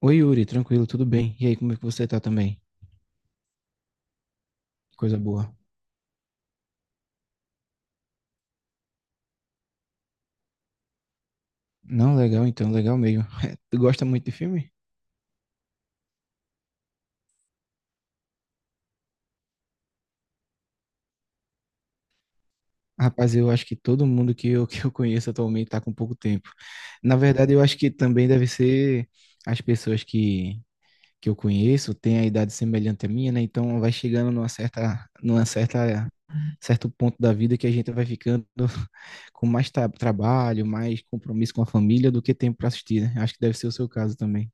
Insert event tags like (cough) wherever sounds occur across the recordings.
Oi, Yuri, tranquilo, tudo bem? E aí, como é que você tá também? Coisa boa. Não, legal então, legal mesmo. (laughs) Tu gosta muito de filme? Rapaz, eu acho que todo mundo (laughs) que eu conheço atualmente tá com pouco tempo. Na verdade, eu acho que também deve ser as pessoas que eu conheço têm a idade semelhante à minha, né? Então vai chegando numa certa, certo ponto da vida que a gente vai ficando (laughs) com mais trabalho, mais compromisso com a família do que tempo para assistir, né? Acho que deve ser o seu caso também.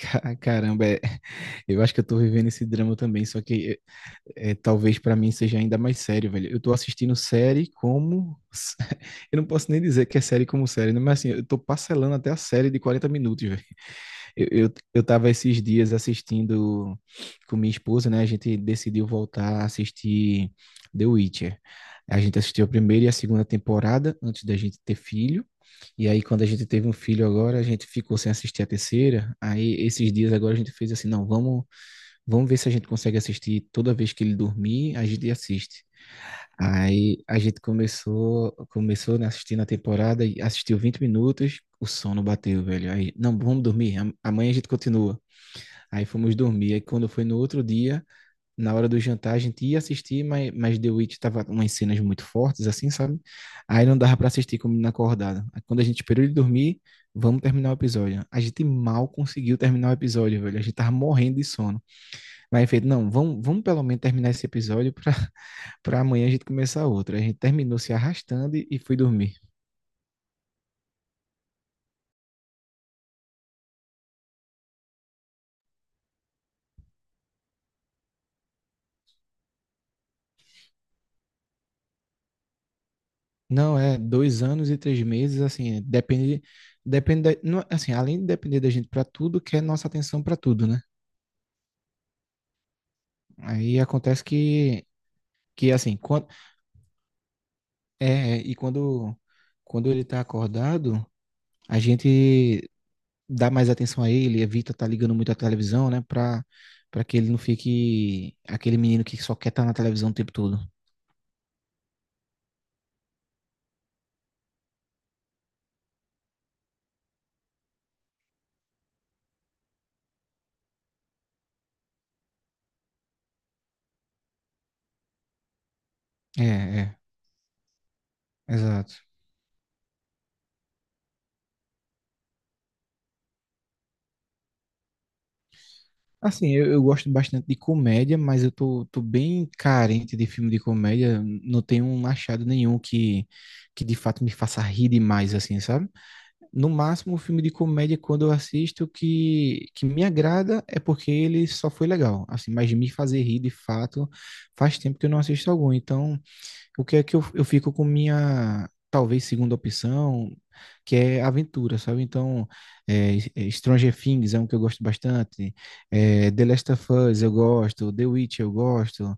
Caramba, eu acho que eu tô vivendo esse drama também, só que talvez pra mim seja ainda mais sério, velho. Eu tô assistindo série como. (laughs) Eu não posso nem dizer que é série como série, né? Mas assim, eu tô parcelando até a série de 40 minutos, velho. Eu tava esses dias assistindo com minha esposa, né? A gente decidiu voltar a assistir The Witcher. A gente assistiu a primeira e a segunda temporada antes da gente ter filho. E aí, quando a gente teve um filho agora, a gente ficou sem assistir a terceira. Aí, esses dias agora, a gente fez assim: não, vamos ver se a gente consegue assistir toda vez que ele dormir, a gente assiste. Aí a gente começou, começou né, assistindo a temporada e assistiu 20 minutos, o sono bateu, velho. Aí, não, vamos dormir, amanhã a gente continua. Aí fomos dormir. Aí quando foi no outro dia, na hora do jantar, a gente ia assistir, mas The Witch tava umas cenas muito fortes, assim, sabe? Aí não dava pra assistir com o menino acordado. Aí quando a gente esperou ele dormir, vamos terminar o episódio. A gente mal conseguiu terminar o episódio, velho. A gente tava morrendo de sono. Mas feito, não, vamos pelo menos terminar esse episódio pra, para amanhã a gente começar outra. A gente terminou se arrastando e foi dormir. Não, é 2 anos e 3 meses, assim, é, depende, depende, da- não, assim, além de depender da gente para tudo, quer nossa atenção para tudo, né? Aí acontece que assim, quando, e quando, quando ele tá acordado, a gente dá mais atenção a ele, evita tá ligando muito a televisão, né? Pra, pra que ele não fique aquele menino que só quer estar na televisão o tempo todo. É, é, exato. Assim, eu gosto bastante de comédia, mas eu tô bem carente de filme de comédia. Não tenho um achado nenhum que de fato me faça rir demais, assim, sabe? No máximo, o filme de comédia, quando eu assisto, que me agrada é porque ele só foi legal, assim, mas me fazer rir de fato faz tempo que eu não assisto algum. Então, o que é que eu fico com minha, talvez, segunda opção, que é aventura, sabe? Então, Stranger Things é um que eu gosto bastante, é, The Last of Us eu gosto, The Witch eu gosto,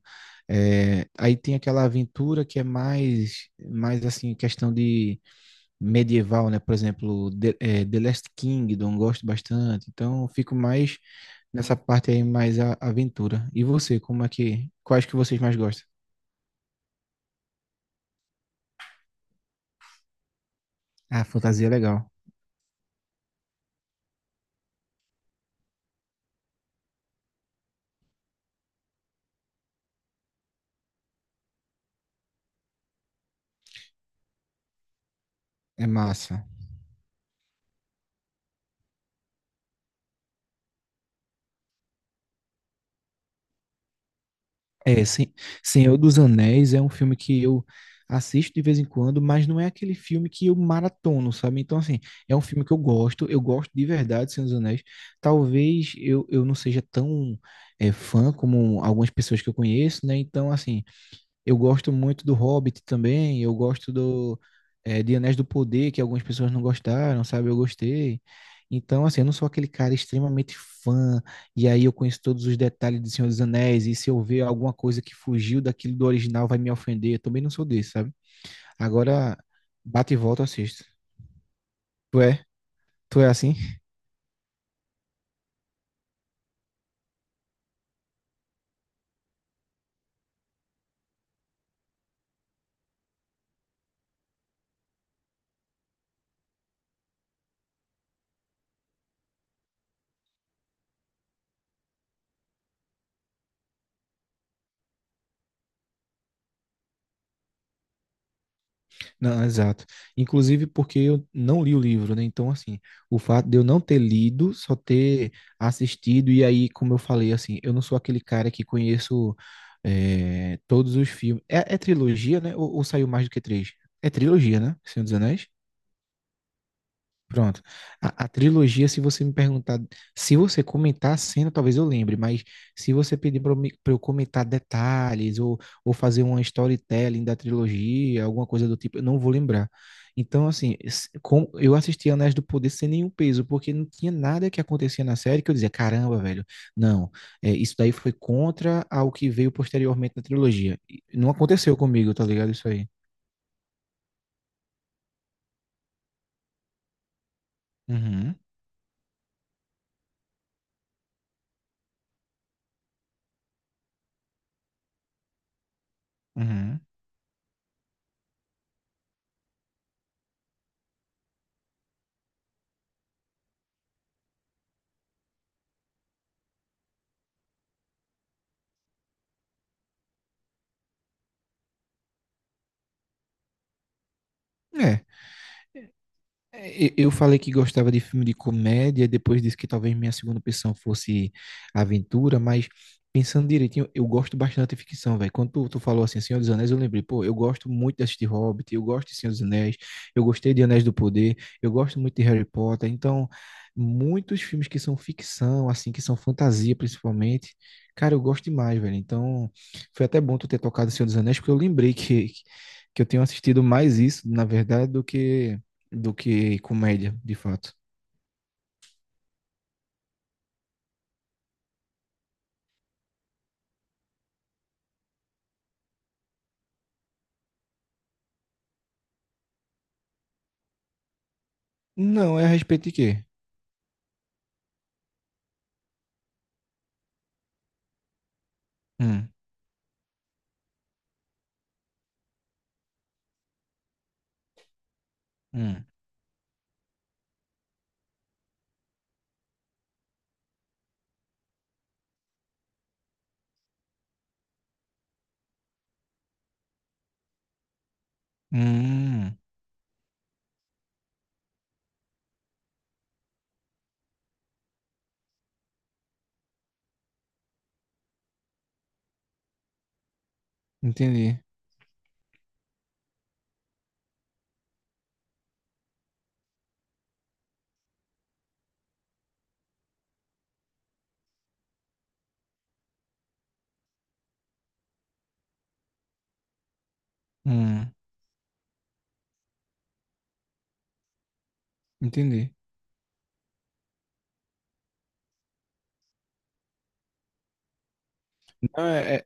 é, aí tem aquela aventura que é mais, mais assim, questão de medieval, né? Por exemplo, The Last Kingdom, gosto bastante. Então, eu fico mais nessa parte aí, mais a aventura. E você, como é que, quais que vocês mais gostam? Ah, fantasia é legal. É massa. É, Senhor dos Anéis é um filme que eu assisto de vez em quando, mas não é aquele filme que eu maratono, sabe? Então, assim, é um filme que eu gosto de verdade de Senhor dos Anéis. Talvez eu não seja tão é, fã como algumas pessoas que eu conheço, né? Então, assim, eu gosto muito do Hobbit também, eu gosto do de Anéis do Poder, que algumas pessoas não gostaram, sabe? Eu gostei. Então, assim, eu não sou aquele cara extremamente fã, e aí eu conheço todos os detalhes de Senhor dos Anéis, e se eu ver alguma coisa que fugiu daquilo do original vai me ofender, eu também não sou desse, sabe? Agora, bate e volta, eu assisto. Tu é? Tu é assim? Não, exato. Inclusive porque eu não li o livro, né? Então, assim, o fato de eu não ter lido, só ter assistido, e aí, como eu falei, assim, eu não sou aquele cara que conheço todos os filmes. É, é trilogia, né? Ou saiu mais do que três? É trilogia, né? Senhor dos Anéis? Pronto. A trilogia, se você me perguntar, se você comentar a cena, talvez eu lembre, mas se você pedir para eu, pra eu comentar detalhes ou fazer uma storytelling da trilogia, alguma coisa do tipo, eu não vou lembrar. Então, assim, eu assisti Anéis do Poder sem nenhum peso, porque não tinha nada que acontecia na série que eu dizia, caramba, velho, não, é, isso daí foi contra ao que veio posteriormente na trilogia. E não aconteceu comigo, tá ligado? Isso aí. Uhum, uhum. É. É, eu falei que gostava de filme de comédia, depois disse que talvez minha segunda opção fosse aventura, mas pensando direitinho, eu gosto bastante de ficção, velho. Quando tu falou assim, Senhor dos Anéis, eu lembrei, pô, eu gosto muito de assistir Hobbit, eu gosto de Senhor dos Anéis, eu gostei de Anéis do Poder, eu gosto muito de Harry Potter, então muitos filmes que são ficção, assim, que são fantasia principalmente, cara, eu gosto demais, velho. Então foi até bom tu ter tocado Senhor dos Anéis, porque eu lembrei que eu tenho assistido mais isso, na verdade, do que comédia, de fato. Não, é a respeito de quê? Hum, hum, hum, entendi. Hum, entendi. Não, é, é,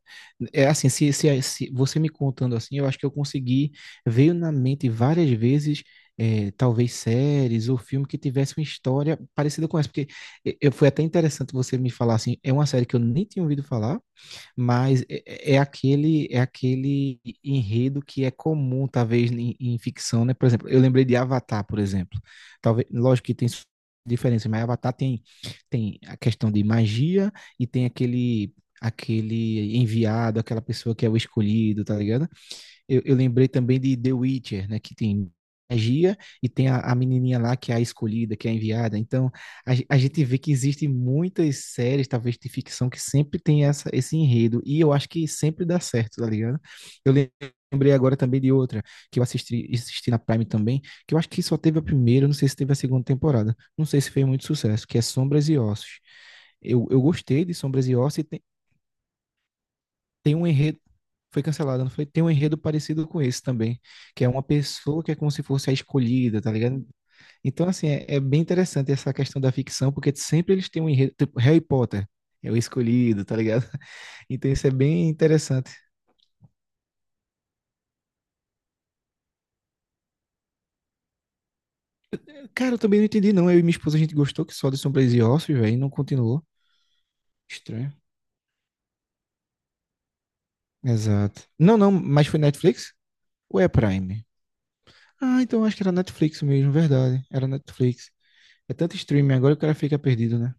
é assim, se você me contando assim, eu acho que eu consegui, veio na mente várias vezes, é, talvez séries ou filme que tivesse uma história parecida com essa, porque eu, foi até interessante você me falar assim, é uma série que eu nem tinha ouvido falar, mas é, é é aquele enredo que é comum, talvez, em ficção, né? Por exemplo, eu lembrei de Avatar, por exemplo. Talvez, lógico que tem diferença, mas Avatar tem, tem a questão de magia e tem aquele enviado, aquela pessoa que é o escolhido, tá ligado? Eu lembrei também de The Witcher, né? Que tem magia e tem a menininha lá que é a escolhida, que é a enviada. Então, a gente vê que existem muitas séries, talvez de ficção, que sempre tem essa, esse enredo. E eu acho que sempre dá certo, tá ligado? Eu lem- lembrei agora também de outra, que eu assisti na Prime também, que eu acho que só teve a primeira, não sei se teve a segunda temporada. Não sei se fez muito sucesso, que é Sombras e Ossos. Eu gostei de Sombras e Ossos e tem um enredo. Foi cancelada, não foi? Tem um enredo parecido com esse também, que é uma pessoa que é como se fosse a escolhida, tá ligado? Então, assim, é bem interessante essa questão da ficção, porque sempre eles têm um enredo, tipo Harry Potter, é o escolhido, tá ligado? (laughs) Então isso é bem interessante. Cara, eu também não entendi, não. Eu e minha esposa, a gente gostou que só de Sombras e Ossos, velho, e não continuou. Estranho. Exato. Não, não, mas foi Netflix? Ou é Prime? Ah, então acho que era Netflix mesmo, verdade. Era Netflix. É tanto streaming agora que o cara fica perdido, né?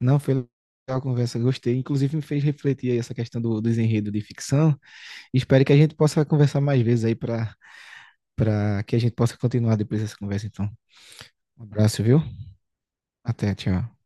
Não, foi legal a conversa, gostei. Inclusive me fez refletir aí essa questão do, do desenredo de ficção. Espero que a gente possa conversar mais vezes aí para para que a gente possa continuar depois dessa conversa, então. Um abraço, viu? Até, tchau.